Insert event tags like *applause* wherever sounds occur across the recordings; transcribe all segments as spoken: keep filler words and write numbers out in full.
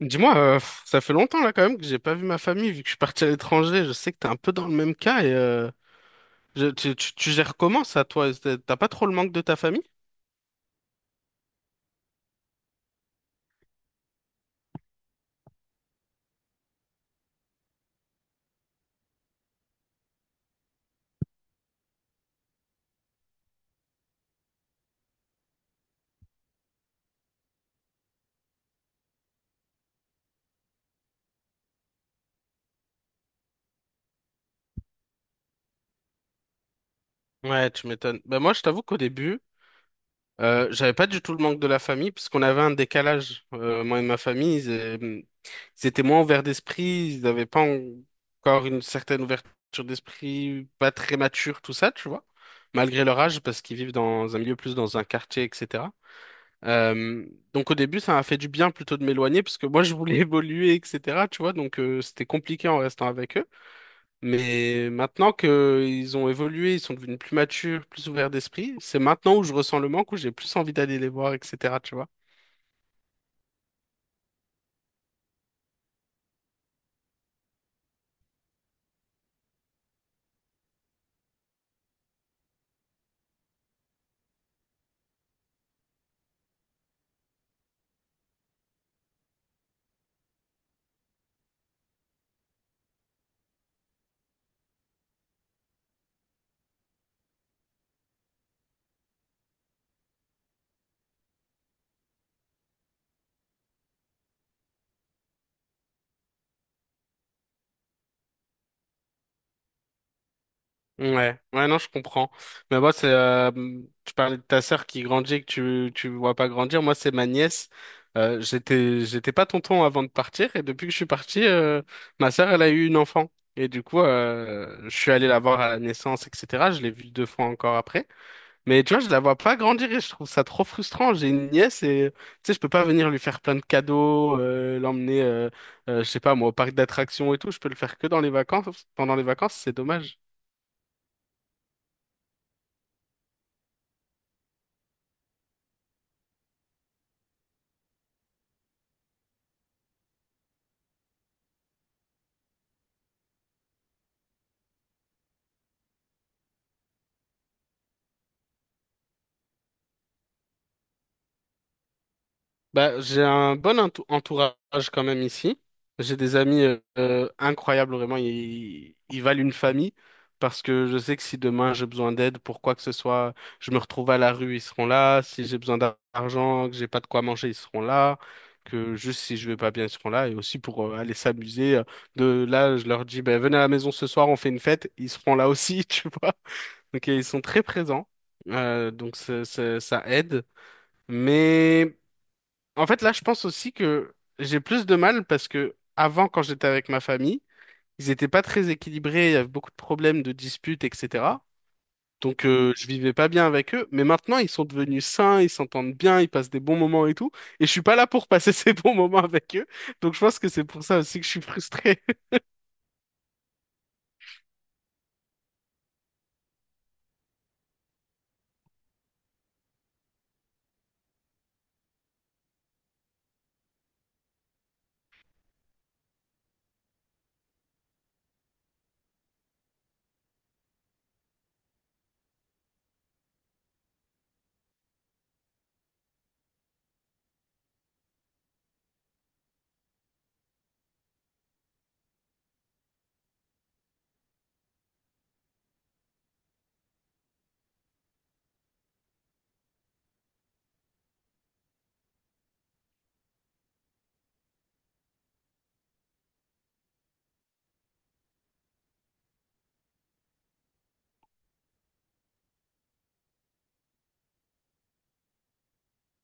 Dis-moi, euh, pff, ça fait longtemps là quand même que j'ai pas vu ma famille vu que je suis parti à l'étranger. Je sais que t'es un peu dans le même cas et euh, je- tu, tu, tu gères comment ça toi? T'as t'as pas trop le manque de ta famille? Ouais, tu m'étonnes. Ben moi, je t'avoue qu'au début, euh, j'avais pas du tout le manque de la famille parce qu'on avait un décalage. Euh, moi et ma famille, ils, euh, ils étaient moins ouverts d'esprit, ils n'avaient pas encore une certaine ouverture d'esprit, pas très mature, tout ça, tu vois, malgré leur âge parce qu'ils vivent dans un milieu plus dans un quartier, et cetera. Euh, donc au début, ça m'a fait du bien plutôt de m'éloigner parce que moi je voulais *laughs* évoluer, et cetera. Tu vois, donc euh, c'était compliqué en restant avec eux. Mais maintenant que ils ont évolué, ils sont devenus plus matures, plus ouverts d'esprit, c'est maintenant où je ressens le manque, où j'ai plus envie d'aller les voir, et cetera. Tu vois. Ouais, ouais, non, je comprends. Mais moi, c'est, euh, tu parlais de ta sœur qui grandit et que tu, tu vois pas grandir. Moi, c'est ma nièce. Euh, j'étais, j'étais pas tonton avant de partir et depuis que je suis parti, euh, ma sœur, elle a eu une enfant. Et du coup, euh, je suis allé la voir à la naissance, et cetera. Je l'ai vue deux fois encore après. Mais tu vois, je la vois pas grandir et je trouve ça trop frustrant. J'ai une nièce et, tu sais, je peux pas venir lui faire plein de cadeaux, euh, l'emmener, euh, euh, je sais pas, moi, au parc d'attractions et tout. Je peux le faire que dans les vacances. Pendant les vacances, c'est dommage. Bah, j'ai un bon entou- entourage quand même ici. J'ai des amis euh, euh, incroyables, vraiment. Ils, ils valent une famille parce que je sais que si demain j'ai besoin d'aide pour quoi que ce soit, je me retrouve à la rue, ils seront là. Si j'ai besoin d'ar- d'argent, que j'ai pas de quoi manger, ils seront là. Que juste si je vais pas bien, ils seront là. Et aussi pour euh, aller s'amuser. euh, De là, je leur dis, ben venez à la maison ce soir, on fait une fête. Ils seront là aussi, *laughs* tu vois. Donc euh, ils sont très présents, euh, donc ça ça- ça aide. Mais en fait, là, je pense aussi que j'ai plus de mal parce que avant, quand j'étais avec ma famille, ils n'étaient pas très équilibrés, il y avait beaucoup de problèmes, de disputes, et cetera. Donc, euh, je vivais pas bien avec eux. Mais maintenant, ils sont devenus sains, ils s'entendent bien, ils passent des bons moments et tout. Et je suis pas là pour passer *laughs* ces bons moments avec eux. Donc, je pense que c'est pour ça aussi que je suis frustré.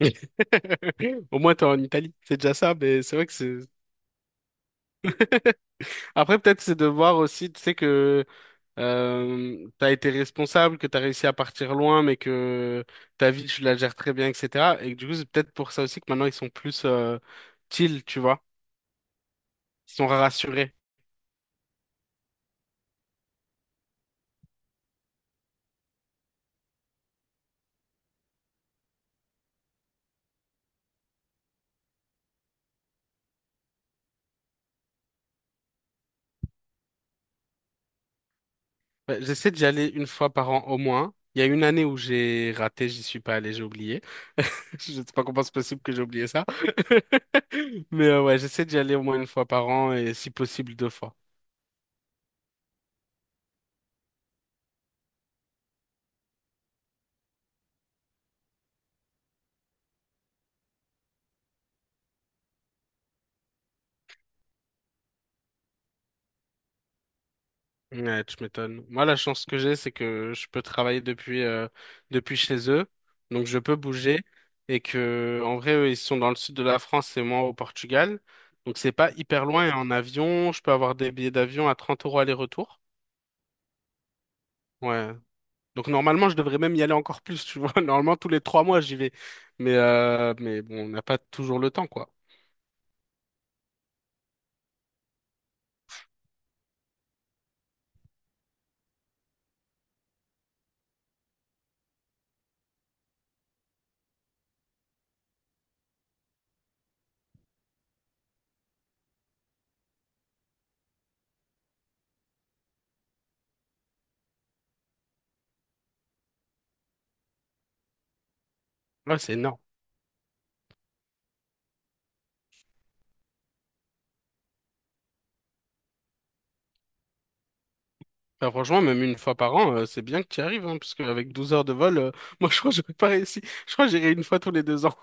*laughs* Au moins, t'es en Italie. C'est déjà ça, mais c'est vrai que c'est... *laughs* Après, peut-être c'est de voir aussi, tu sais, que euh, t'as été responsable, que t'as réussi à partir loin, mais que ta vie, tu la gères très bien, et cetera. Et que du coup, c'est peut-être pour ça aussi que maintenant, ils sont plus euh, chill, tu vois. Ils sont rassurés. Ouais, j'essaie d'y aller une fois par an au moins. Il y a une année où j'ai raté, j'y suis pas allé, j'ai oublié. *laughs* Je sais pas comment c'est possible que j'ai oublié ça. *laughs* Mais euh, ouais, j'essaie d'y aller au moins une fois par an et si possible deux fois. Ouais, tu m'étonnes. Moi, la chance que j'ai, c'est que je peux travailler depuis, euh, depuis chez eux. Donc, je peux bouger. Et que, en vrai, eux, ils sont dans le sud de la France et moi au Portugal. Donc, c'est pas hyper loin. Et en avion, je peux avoir des billets d'avion à trente euros aller-retour. Ouais. Donc, normalement, je devrais même y aller encore plus, tu vois. *laughs* Normalement, tous les trois mois, j'y vais. Mais, euh, mais bon, on n'a pas toujours le temps, quoi. Ouais, c'est énorme. Bah, franchement, même une fois par an, euh, c'est bien que tu y arrives, hein, parce qu'avec douze heures de vol, euh, *laughs* moi, je crois que j'aurais pas réussi. Je crois que j'irai une fois tous les deux ans.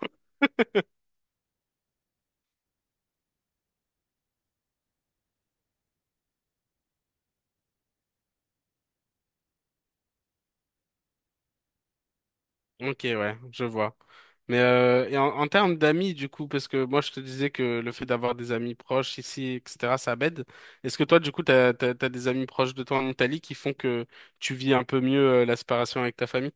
Ok, ouais, je vois. Mais euh, et en, en termes d'amis, du coup, parce que moi je te disais que le fait d'avoir des amis proches ici, et cetera, ça m'aide. Est-ce que toi, du coup, t'as, t'as, t'as des amis proches de toi en Italie qui font que tu vis un peu mieux euh, la séparation avec ta famille?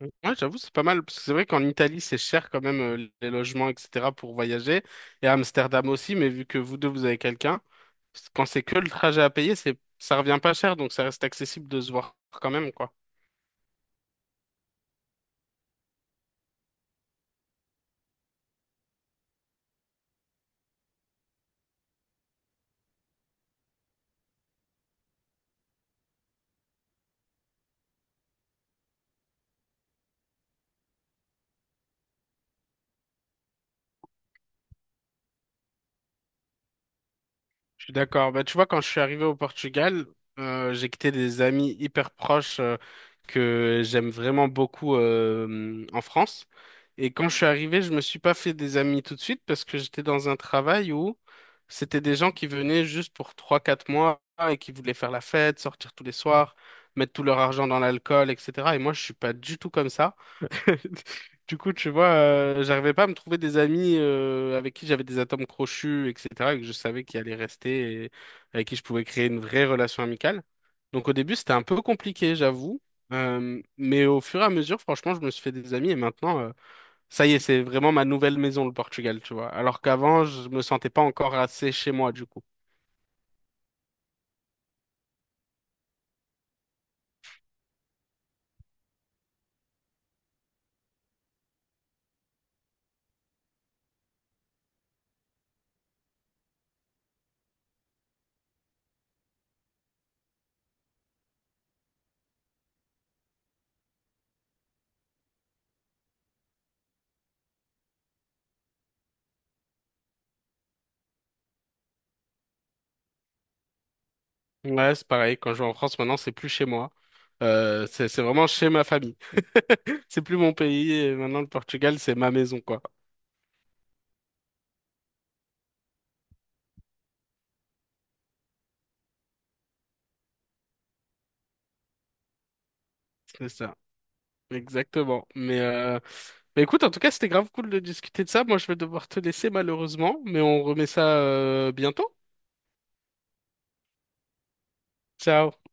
Ouais, j'avoue, c'est pas mal, parce que c'est vrai qu'en Italie, c'est cher quand même euh, les logements, et cetera, pour voyager. Et à Amsterdam aussi, mais vu que vous deux, vous avez quelqu'un, quand c'est que le trajet à payer, c'est, ça revient pas cher, donc ça reste accessible de se voir quand même, quoi. Je suis d'accord. Bah, tu vois, quand je suis arrivé au Portugal, euh, j'ai quitté des amis hyper proches euh, que j'aime vraiment beaucoup euh, en France. Et quand je suis arrivé, je me suis pas fait des amis tout de suite parce que j'étais dans un travail où c'était des gens qui venaient juste pour trois quatre mois et qui voulaient faire la fête, sortir tous les soirs, mettre tout leur argent dans l'alcool, et cetera. Et moi, je suis pas du tout comme ça. *laughs* Du coup, tu vois, euh, j'arrivais pas à me trouver des amis euh, avec qui j'avais des atomes crochus, et cetera, et que je savais qu'ils allaient rester et avec qui je pouvais créer une vraie relation amicale. Donc au début, c'était un peu compliqué, j'avoue. Euh, mais au fur et à mesure, franchement, je me suis fait des amis et maintenant, euh, ça y est, c'est vraiment ma nouvelle maison, le Portugal, tu vois. Alors qu'avant, je me sentais pas encore assez chez moi, du coup. Ouais, c'est pareil. Quand je vais en France, maintenant, c'est plus chez moi. Euh, c'est c'est vraiment chez ma famille. *laughs* C'est plus mon pays. Et maintenant, le Portugal, c'est ma maison, quoi. C'est ça, exactement. Mais, euh, mais écoute, en tout cas, c'était grave cool de discuter de ça. Moi, je vais devoir te laisser malheureusement, mais on remet ça euh, bientôt. Ciao.